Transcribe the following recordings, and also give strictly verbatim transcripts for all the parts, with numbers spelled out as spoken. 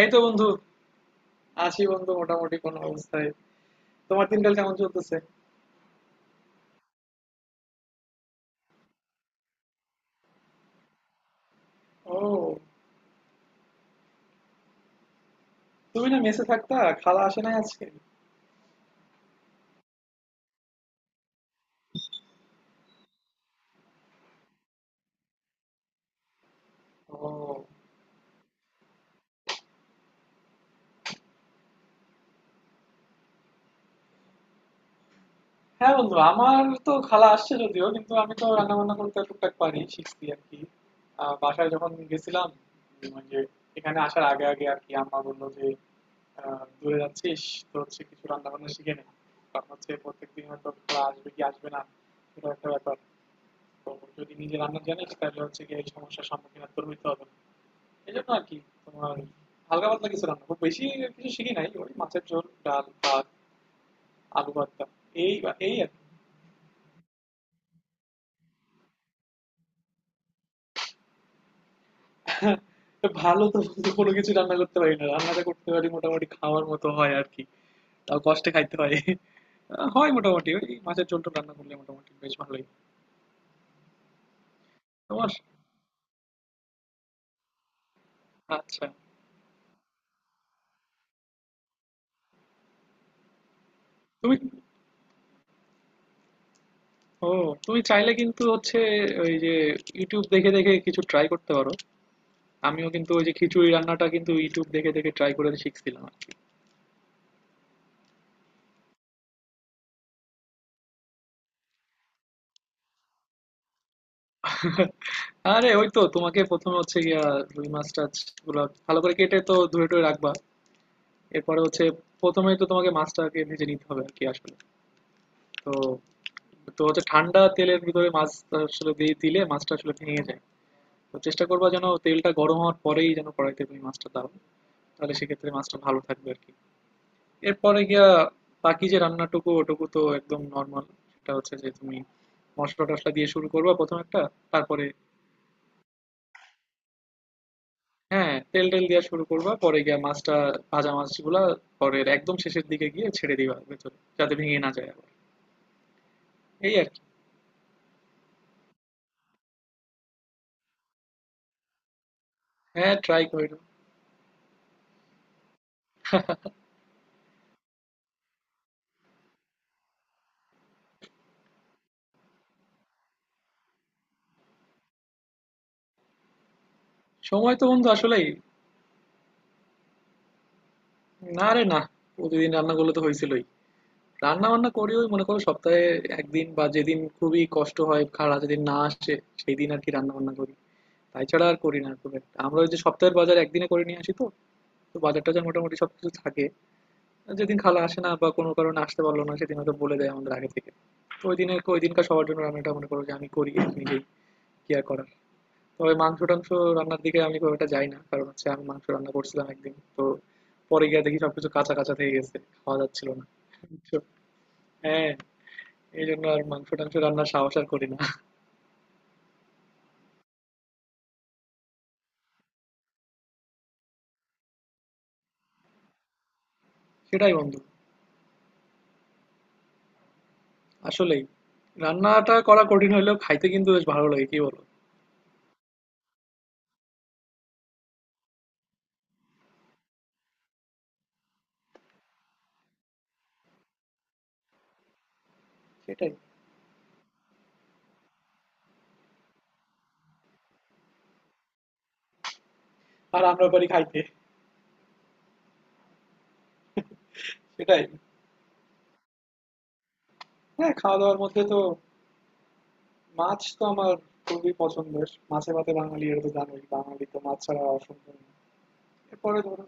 এই তো বন্ধু। আছি বন্ধু, মোটামুটি কোনো অবস্থায়। তোমার দিনকাল কেমন চলতেছে? ও, তুমি না মেসে থাকতা? খালা আসে নাই আজকে? ও, হ্যাঁ বন্ধু, আমার তো খালা আসছে যদিও, কিন্তু আমি তো রান্না বান্না করতে টুকটাক পারি, শিখছি আর কি। আহ, বাসায় যখন গেছিলাম, উম, ওই যে এখানে আসার আগে আগে আর কি, আম্মা বললো যে আহ, দূরে যাচ্ছিস, তো হচ্ছে কিছু রান্না বান্না শিখে নে। কারণ হচ্ছে প্রত্যেকদিন হয়তো খালা আসবে কি আসবে না, সেটা একটা ব্যাপার। এবং যদি নিজে রান্না জানিস তাহলে হচ্ছে গিয়ে এই সমস্যার সম্মুখীন আর তোর হইতে হবে না। এই জন্য আর কি। তোমার হালকা পাতলা কিছু রান্না, খুব বেশি কিছু শিখি নাই, ওই মাছের ঝোল, ডাল ভাত, আলু ভর্তা, এই এই আর কি। ভালো তো বলতে কোনো কিছু রান্না করতে পারি না, রান্নাটা করতে পারি মোটামুটি, খাওয়ার মতো হয় আর কি। তাও কষ্টে খাইতে হয়। আহ, হয় মোটামুটি, ওই মাছের ঝোল টোল রান্না করলে মোটামুটি বেশ ভালোই। তোমার আচ্ছা তুমি, ও, তুমি চাইলে কিন্তু হচ্ছে ওই যে ইউটিউব দেখে দেখে কিছু ট্রাই করতে পারো। আমিও কিন্তু ওই যে খিচুড়ি রান্নাটা কিন্তু ইউটিউব দেখে দেখে ট্রাই করে শিখছিলাম আর কি। আরে ওই তো তোমাকে প্রথমে হচ্ছে গিয়া রুই মাছ টাছ গুলো ভালো করে কেটে তো ধুয়ে টুয়ে রাখবা। এরপরে হচ্ছে প্রথমে তো তোমাকে মাছটাকে ভেজে নিতে হবে আর কি আসলে। তো তো হচ্ছে ঠান্ডা তেলের ভিতরে মাছ আসলে দিয়ে দিলে মাছটা আসলে ভেঙে যায়। তো চেষ্টা করবা যেন তেলটা গরম হওয়ার পরেই যেন কড়াইতে তুমি মাছটা দাও। তাহলে সেক্ষেত্রে মাছটা ভালো থাকবে আর কি। এরপরে গিয়া বাকি যে রান্নাটুকু, ওটুকু তো একদম নর্মাল। সেটা হচ্ছে যে তুমি মশলা টশলা দিয়ে শুরু করবা প্রথম একটা, তারপরে হ্যাঁ তেল টেল দিয়ে শুরু করবা, পরে গিয়া মাছটা, ভাজা মাছগুলা পরে একদম শেষের দিকে গিয়ে ছেড়ে দিবা ভেতরে, যাতে ভেঙে না যায় আবার। এই আর কি। হ্যাঁ, ট্রাই করো। সময় তো বন্ধু আসলেই। না রে, না, প্রতিদিন রান্নাগুলো তো হয়েছিলই। রান্না বান্না করিও মনে করো সপ্তাহে একদিন, বা যেদিন খুবই কষ্ট হয়, খালা যেদিন না আসে, সেই দিন আর কি রান্না বান্না করি। তাই ছাড়া আর করি না খুব একটা। আমরা ওই যে সপ্তাহের বাজার একদিনে করে নিয়ে আসি তো, তো বাজার টাজার মোটামুটি সবকিছু থাকে। যেদিন খালা আসে না বা কোনো কারণে আসতে পারলো না, সেদিন হয়তো বলে দেয় আমাদের আগে থেকে। তো ওই দিনে ওই দিনকার সবার জন্য রান্নাটা মনে করো যে আমি করি নিজেই, কি আর করার। তবে মাংস টাংস রান্নার দিকে আমি খুব একটা যাই না, কারণ হচ্ছে আমি মাংস রান্না করছিলাম একদিন, তো পরে গিয়ে দেখি সবকিছু কাঁচা কাঁচা থেকে গেছে, খাওয়া যাচ্ছিল না। বুঝছো? হ্যাঁ, এই জন্য আর মাংস টাংস রান্নার সাহস আর করি না। সেটাই বন্ধু, আসলেই। রান্নাটা করা কঠিন হলেও খাইতে কিন্তু বেশ ভালো লাগে, কি বলো? সেটাই। আর আমরা পারি খাইতে। সেটাই। হ্যাঁ, খাওয়া দাওয়ার মধ্যে তো মাছ তো আমার খুবই পছন্দের, মাছে ভাতে বাঙালি, এটা তো জানোই, বাঙালি তো মাছ ছাড়া অসম্ভব না। এরপরে ধরো,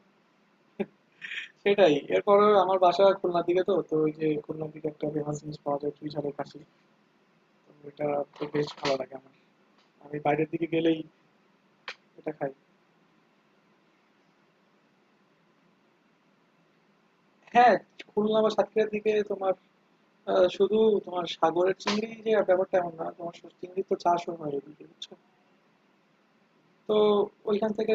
সেটাই, এরপরে আমার বাসা খুলনার দিকে তো, তো ওই যে খুলনার দিকে একটা ফেমাস জিনিস পাওয়া যায় চুই ঝালের কাশি, তো এটা তো বেশ ভালো লাগে আমার, আমি বাইরের দিকে গেলেই এটা খাই। হ্যাঁ, খুলনা বা সাতক্ষীরার দিকে তোমার আহ, শুধু তোমার সাগরের চিংড়ি যে ব্যাপারটা এমন না, তোমার চিংড়ি তো চাষও হয় এদিকে, বুঝছো? তো ওইখান থেকে,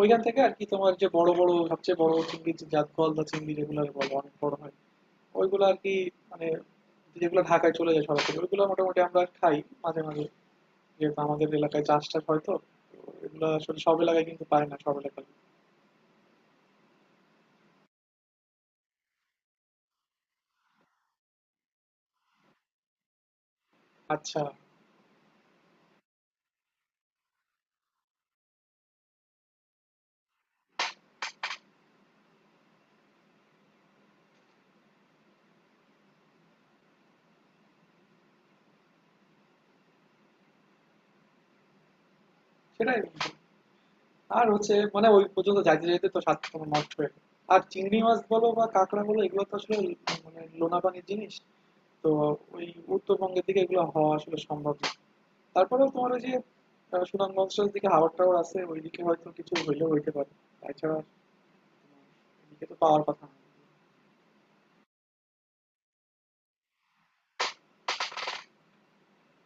ওইখান থেকে আর কি তোমার যে বড় বড় সবচেয়ে বড় চিংড়ি, যে জাত গলদা চিংড়ি যেগুলো বলে, অনেক বড় হয় ওইগুলো আর কি, মানে যেগুলো ঢাকায় চলে যায় সরাসরি, ওইগুলো মোটামুটি আমরা খাই মাঝে মাঝে, যেহেতু আমাদের এলাকায় চাষ টাস হয় তো, তো এগুলো আসলে সব এলাকায় কিন্তু পায় না, সব এলাকায়। আচ্ছা, সেটাই। আর হচ্ছে মানে ওই পর্যন্ত যাইতে যাইতে তো স্বাদ তোমার নষ্ট হয়ে যায়। আর চিংড়ি মাছ বলো বা কাঁকড়া বলো, এগুলো তো আসলে মানে লোনা পানির জিনিস। তো ওই উত্তরবঙ্গের দিকে এগুলো হওয়া আসলে সম্ভব না। তারপরেও তোমার ওই যে আহ, সুনামগঞ্জের দিকে হাওড় টাওয়ার আছে, ওইদিকে হয়তো কিছু হইলেও হইতে পারে, তাছাড়া এদিকে তো পাওয়ার কথা না।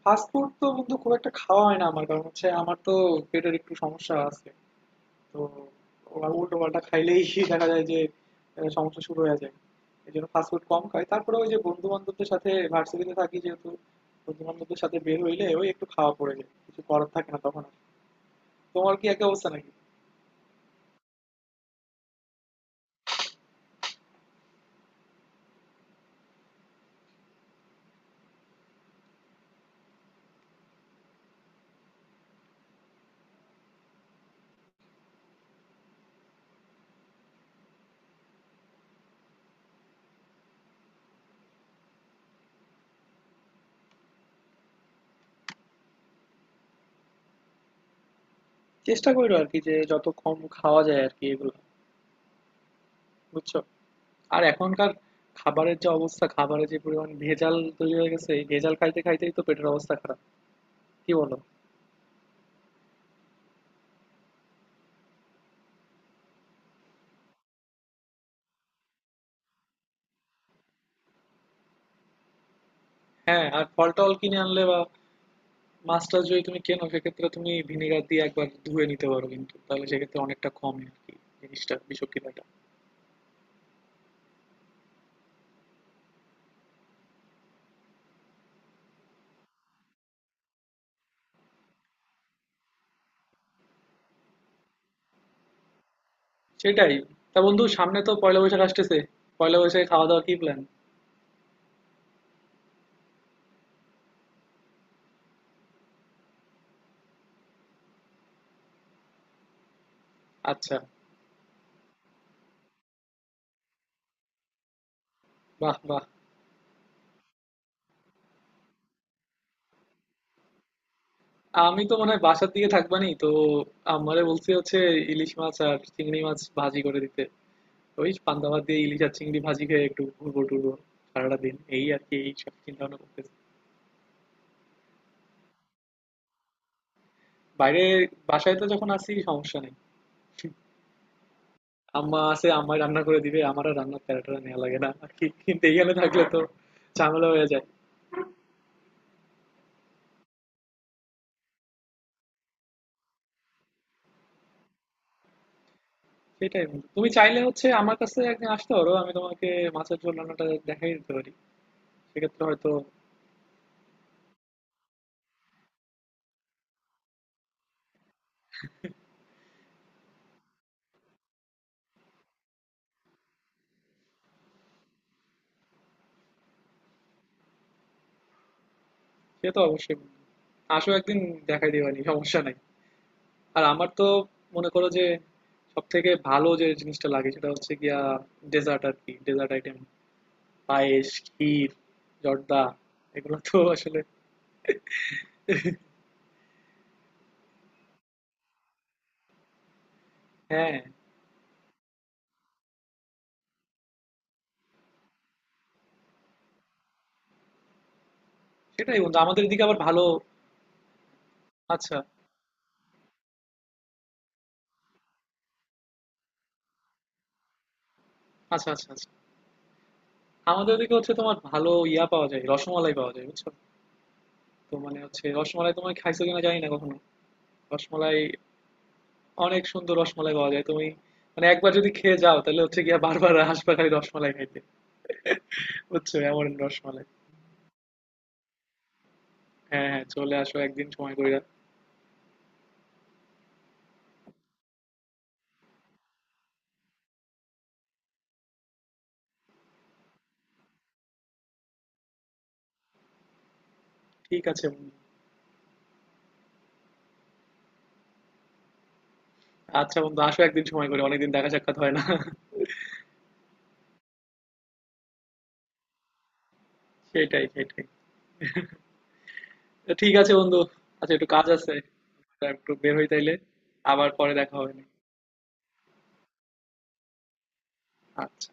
ফাস্টফুড তো বন্ধু খুব একটা খাওয়া হয় না আমার, কারণ হচ্ছে আমার তো পেটের একটু সমস্যা আছে। তো আবার উল্টো পাল্টা খাইলেই দেখা যায় যে আহ, সমস্যা শুরু হয়ে যায়। এই জন্য ফাস্টফুড কম খাই। তারপরে ওই যে বন্ধু বান্ধবদের সাথে ভার্সিটিতে থাকি যেহেতু, বন্ধু বান্ধবদের সাথে বের হইলে ওই একটু খাওয়া পড়ে যায়, কিছু করার থাকে না তখন আর। তোমার কি একই অবস্থা নাকি? চেষ্টা করো আর কি, যে যত কম খাওয়া যায় আর কি এগুলো। বুঝছো? আর এখনকার খাবারের যা অবস্থা, খাবারে যে পরিমাণ ভেজাল তৈরি হয়ে গেছে, এই ভেজাল খাইতে খাইতেই তো পেটের অবস্থা খারাপ। কি বলো? হ্যাঁ, আর ফল টল কিনে আনলে বা মাছ টাছ যদি তুমি কেনো, সেক্ষেত্রে তুমি ভিনেগার দিয়ে একবার ধুয়ে নিতে পারো কিন্তু, তাহলে সেক্ষেত্রে অনেকটা কমে আর কি জিনিসটা, বিষক্রিয়াটা। সেটাই। তা বন্ধু, সামনে তো পয়লা বৈশাখ আসতেছে, পয়লা বৈশাখে খাওয়া দাওয়ার কি প্ল্যান? আচ্ছা। বাহ বাহ। আমি তো মনে হয় বাসার দিকে থাকবানি তো, আমারে বলছি হচ্ছে ইলিশ মাছ আর চিংড়ি মাছ ভাজি করে দিতে। ওই পান্তা ভাত দিয়ে ইলিশ আর চিংড়ি ভাজি খেয়ে একটু ঘুরবো টুরবো সারাটা দিন, এই আর কি, এই সব চিন্তা ভাবনা করতেছি। বাইরে, বাসায় তো যখন আসি সমস্যা নেই, আম্মা আছে, আম্মাই রান্না করে দিবে, আমার আর রান্নার প্যারা ট্যারা নেওয়া লাগে না আর কি, কিন্তু এইখানে থাকলে তো ঝামেলা হয়ে যায়। সেটাই বন্ধু। তুমি চাইলে হচ্ছে আমার কাছে একদিন আসতে পারো, আমি তোমাকে মাছের ঝোল রান্নাটা দেখাই দিতে পারি। সেক্ষেত্রে হয়তো, সে তো অবশ্যই। আসো একদিন, দেখাই দিবানি, সমস্যা নাই। আর আমার তো মনে করো যে সবথেকে ভালো যে জিনিসটা লাগে, সেটা হচ্ছে গিয়া ডেজার্ট আর কি, ডেজার্ট আইটেম, পায়েস, ক্ষীর, জর্দা, এগুলো তো আসলে। হ্যাঁ, সেটাই বন্ধু, আমাদের এদিকে আবার ভালো, আচ্ছা আচ্ছা আচ্ছা। আচ্ছা, আমাদের ওদিকে হচ্ছে তোমার ভালো ইয়া পাওয়া যায়, রসমালাই পাওয়া যায়, বুঝছো? তো মানে হচ্ছে রসমালাই তোমায় খাইছো কিনা জানি না কখনো, রসমালাই, অনেক সুন্দর রসমালাই পাওয়া যায় তুমি, মানে একবার যদি খেয়ে যাও তাহলে হচ্ছে গিয়া বারবার আসবে খালি রসমালাই খাইতে। বুঝছো, এমন রসমালাই। হ্যাঁ, হ্যাঁ, চলে আসো একদিন সময় কইরা। ঠিক আছে বন্ধু। আচ্ছা বন্ধু, আসো একদিন সময় করে। অনেকদিন দেখা সাক্ষাৎ হয় না। সেটাই, সেটাই। তো ঠিক আছে বন্ধু। আচ্ছা, একটু কাজ আছে। তা একটু বের হই তাইলে। আবার পরে দেখা হবে নি। আচ্ছা।